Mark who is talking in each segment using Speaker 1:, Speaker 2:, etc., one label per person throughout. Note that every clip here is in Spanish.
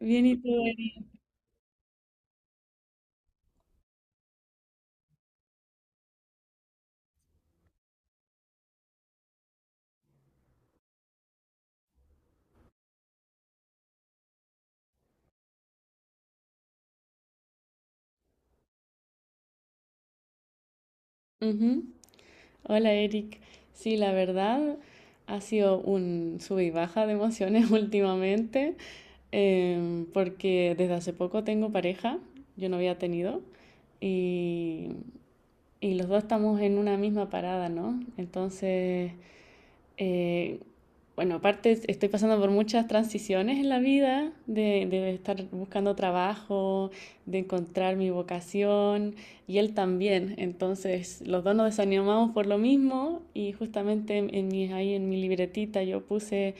Speaker 1: Bien, ¿y tú, Eric? Ujú. Hola, Eric. Sí, la verdad ha sido un sub y baja de emociones últimamente, porque desde hace poco tengo pareja, yo no había tenido, y, y los dos estamos en una misma parada, ¿no? Entonces, Eh, bueno, aparte estoy pasando por muchas transiciones en la vida, de estar buscando trabajo, de encontrar mi vocación y él también. Entonces, los dos nos desanimamos por lo mismo y justamente ahí en mi libretita yo puse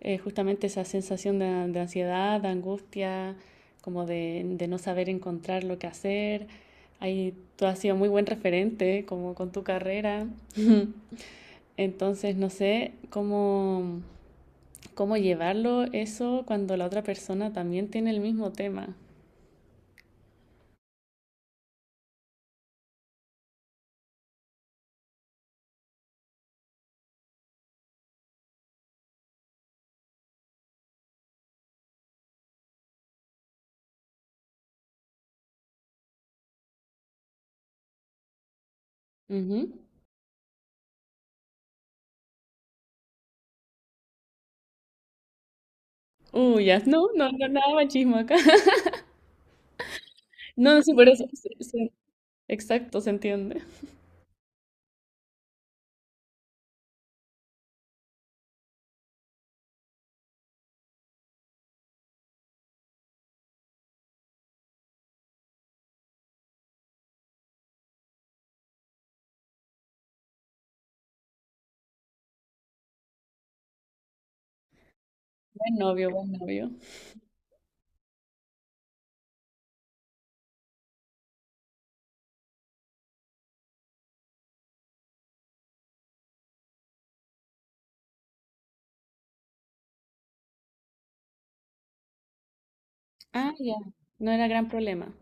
Speaker 1: justamente esa sensación de ansiedad, de angustia, como de no saber encontrar lo que hacer. Ahí tú has sido muy buen referente, como con tu carrera. Entonces, no sé cómo llevarlo eso cuando la otra persona también tiene el mismo tema. Ujú. Ya, no, no, no, nada machismo acá. No, sí, por eso. Sí, sí. Exacto, se entiende. Buen novio, buen novio. Ah, ya. No era gran problema.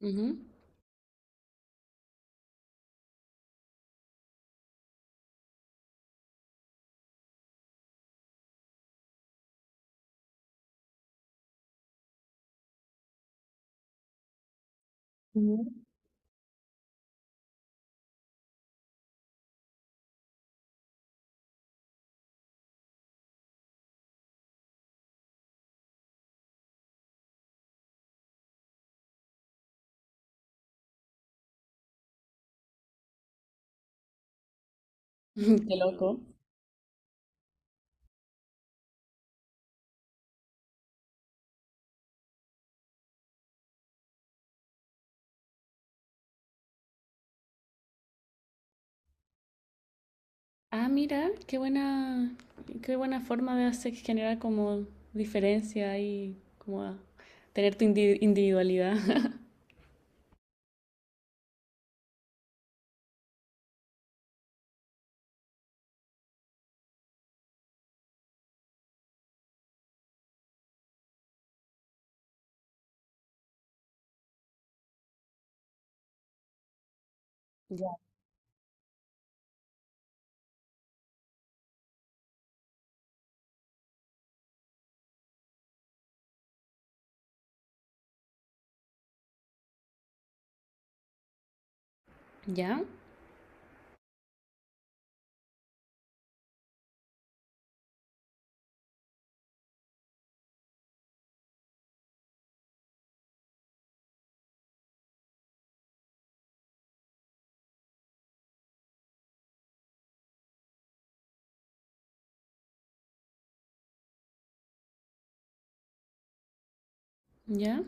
Speaker 1: Ujú. Ujú. Qué loco. Ah, mira, qué buena forma de hacer generar como diferencia y como a tener tu individualidad. Ya. ¿Ya? ¿Ya?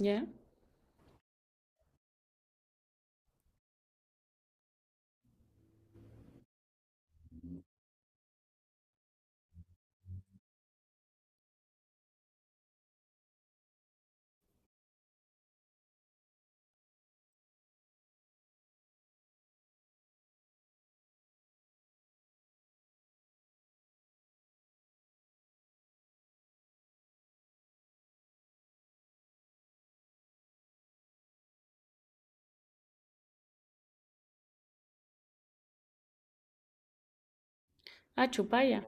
Speaker 1: Ya. Ah, chupalla.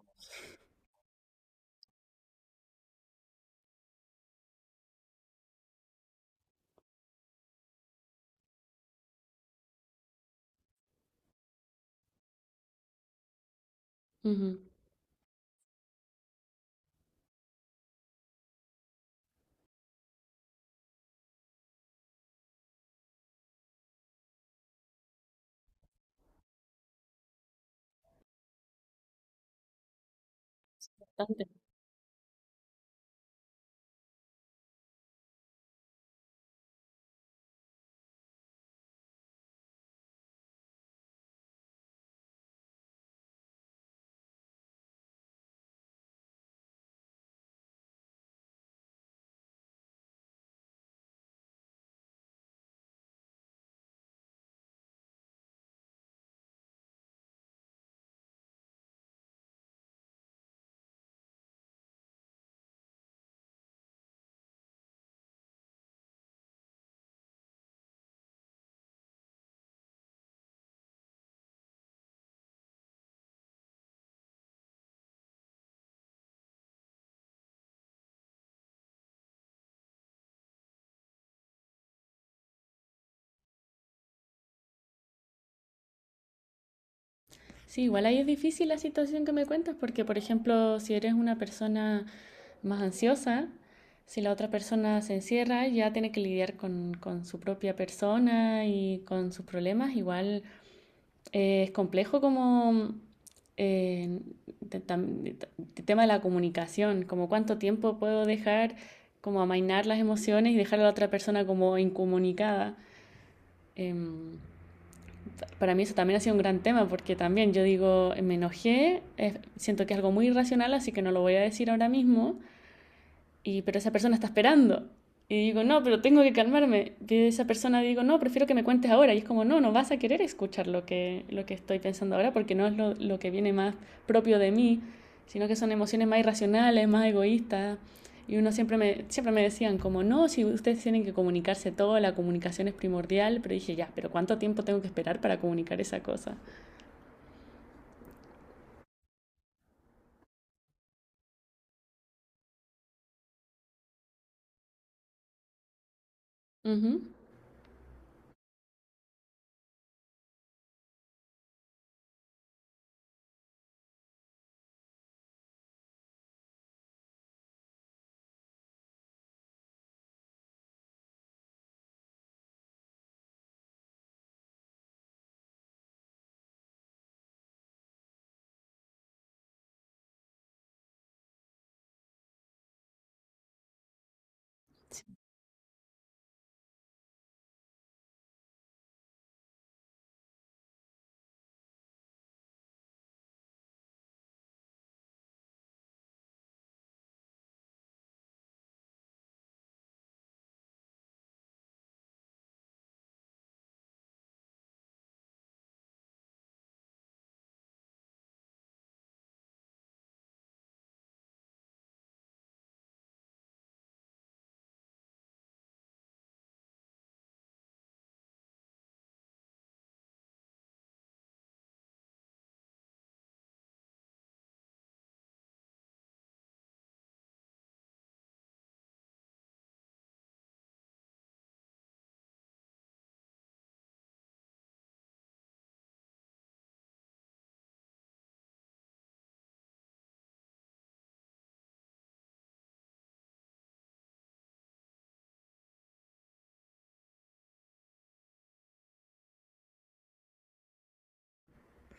Speaker 1: Ujú. Bastante. Sí, igual ahí es difícil la situación que me cuentas porque, por ejemplo, si eres una persona más ansiosa, si la otra persona se encierra, ya tiene que lidiar con su propia persona y con sus problemas. Igual es complejo como eh, te- tam- te- el tema de la comunicación, como cuánto tiempo puedo dejar como amainar las emociones y dejar a la otra persona como incomunicada. Em, para mí eso también ha sido un gran tema, porque también yo digo, me enojé, siento que es algo muy irracional, así que no lo voy a decir ahora mismo, y pero esa persona está esperando. Y digo, no, pero tengo que calmarme. Y esa persona digo, no, prefiero que me cuentes ahora. Y es como, no, no vas a querer escuchar lo que estoy pensando ahora porque no es lo que viene más propio de mí, sino que son emociones más irracionales, más egoístas. Y uno siempre me decían como, no, si ustedes tienen que comunicarse todo, la comunicación es primordial. Pero dije, ya, pero ¿cuánto tiempo tengo que esperar para comunicar esa cosa? Uh -huh.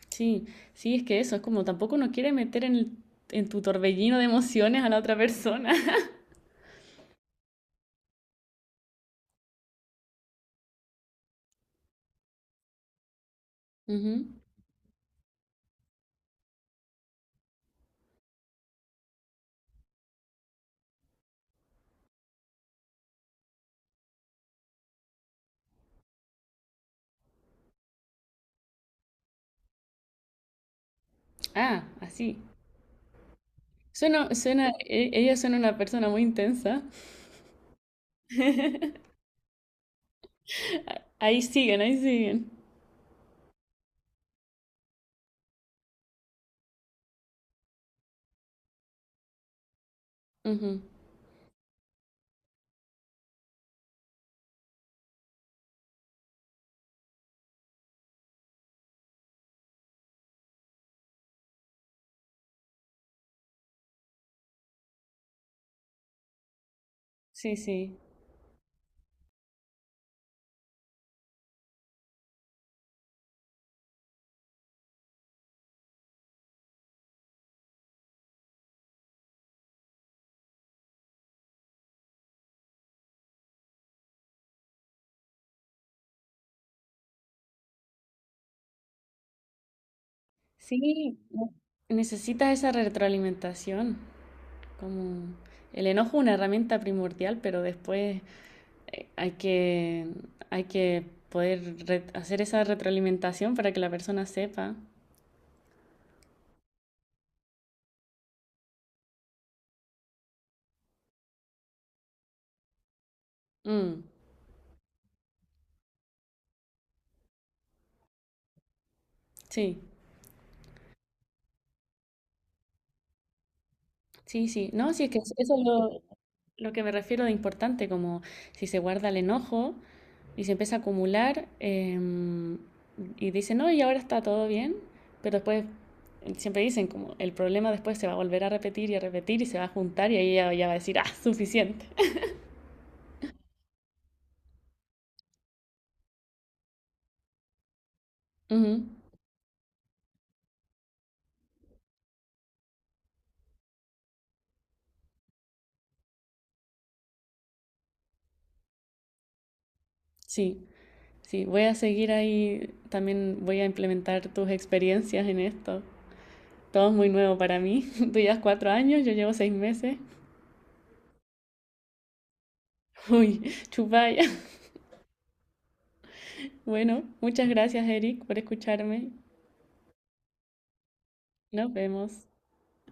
Speaker 1: Sí, sí, es que eso, es como tampoco uno quiere meter en tu torbellino de emociones a la otra persona. Ujú. Ah, así. Ella suena una persona muy intensa. Ahí siguen, ahí siguen. Ujú. Sí, sí. Sí, necesitas esa retroalimentación. Como el enojo es una herramienta primordial, pero después eh, hay que, hay que poder hacer esa retroalimentación para que la persona sepa. Mm. Sí, sí, sí. No, sí, es que eso es lo que me refiero de importante, como si se guarda el enojo y se empieza a acumular y dice, no, y ahora está todo bien, pero después siempre dicen como el problema después se va a volver a repetir y se va a juntar y ahí ya va a decir, ah, suficiente. Ujú. Sí, sí, voy a seguir ahí, también voy a implementar tus experiencias en esto. Todo es muy nuevo para mí. Tú llevas 4 años, yo llevo 6 meses. Uy, chupalla. Bueno, muchas gracias, Eric, por escucharme. Nos vemos.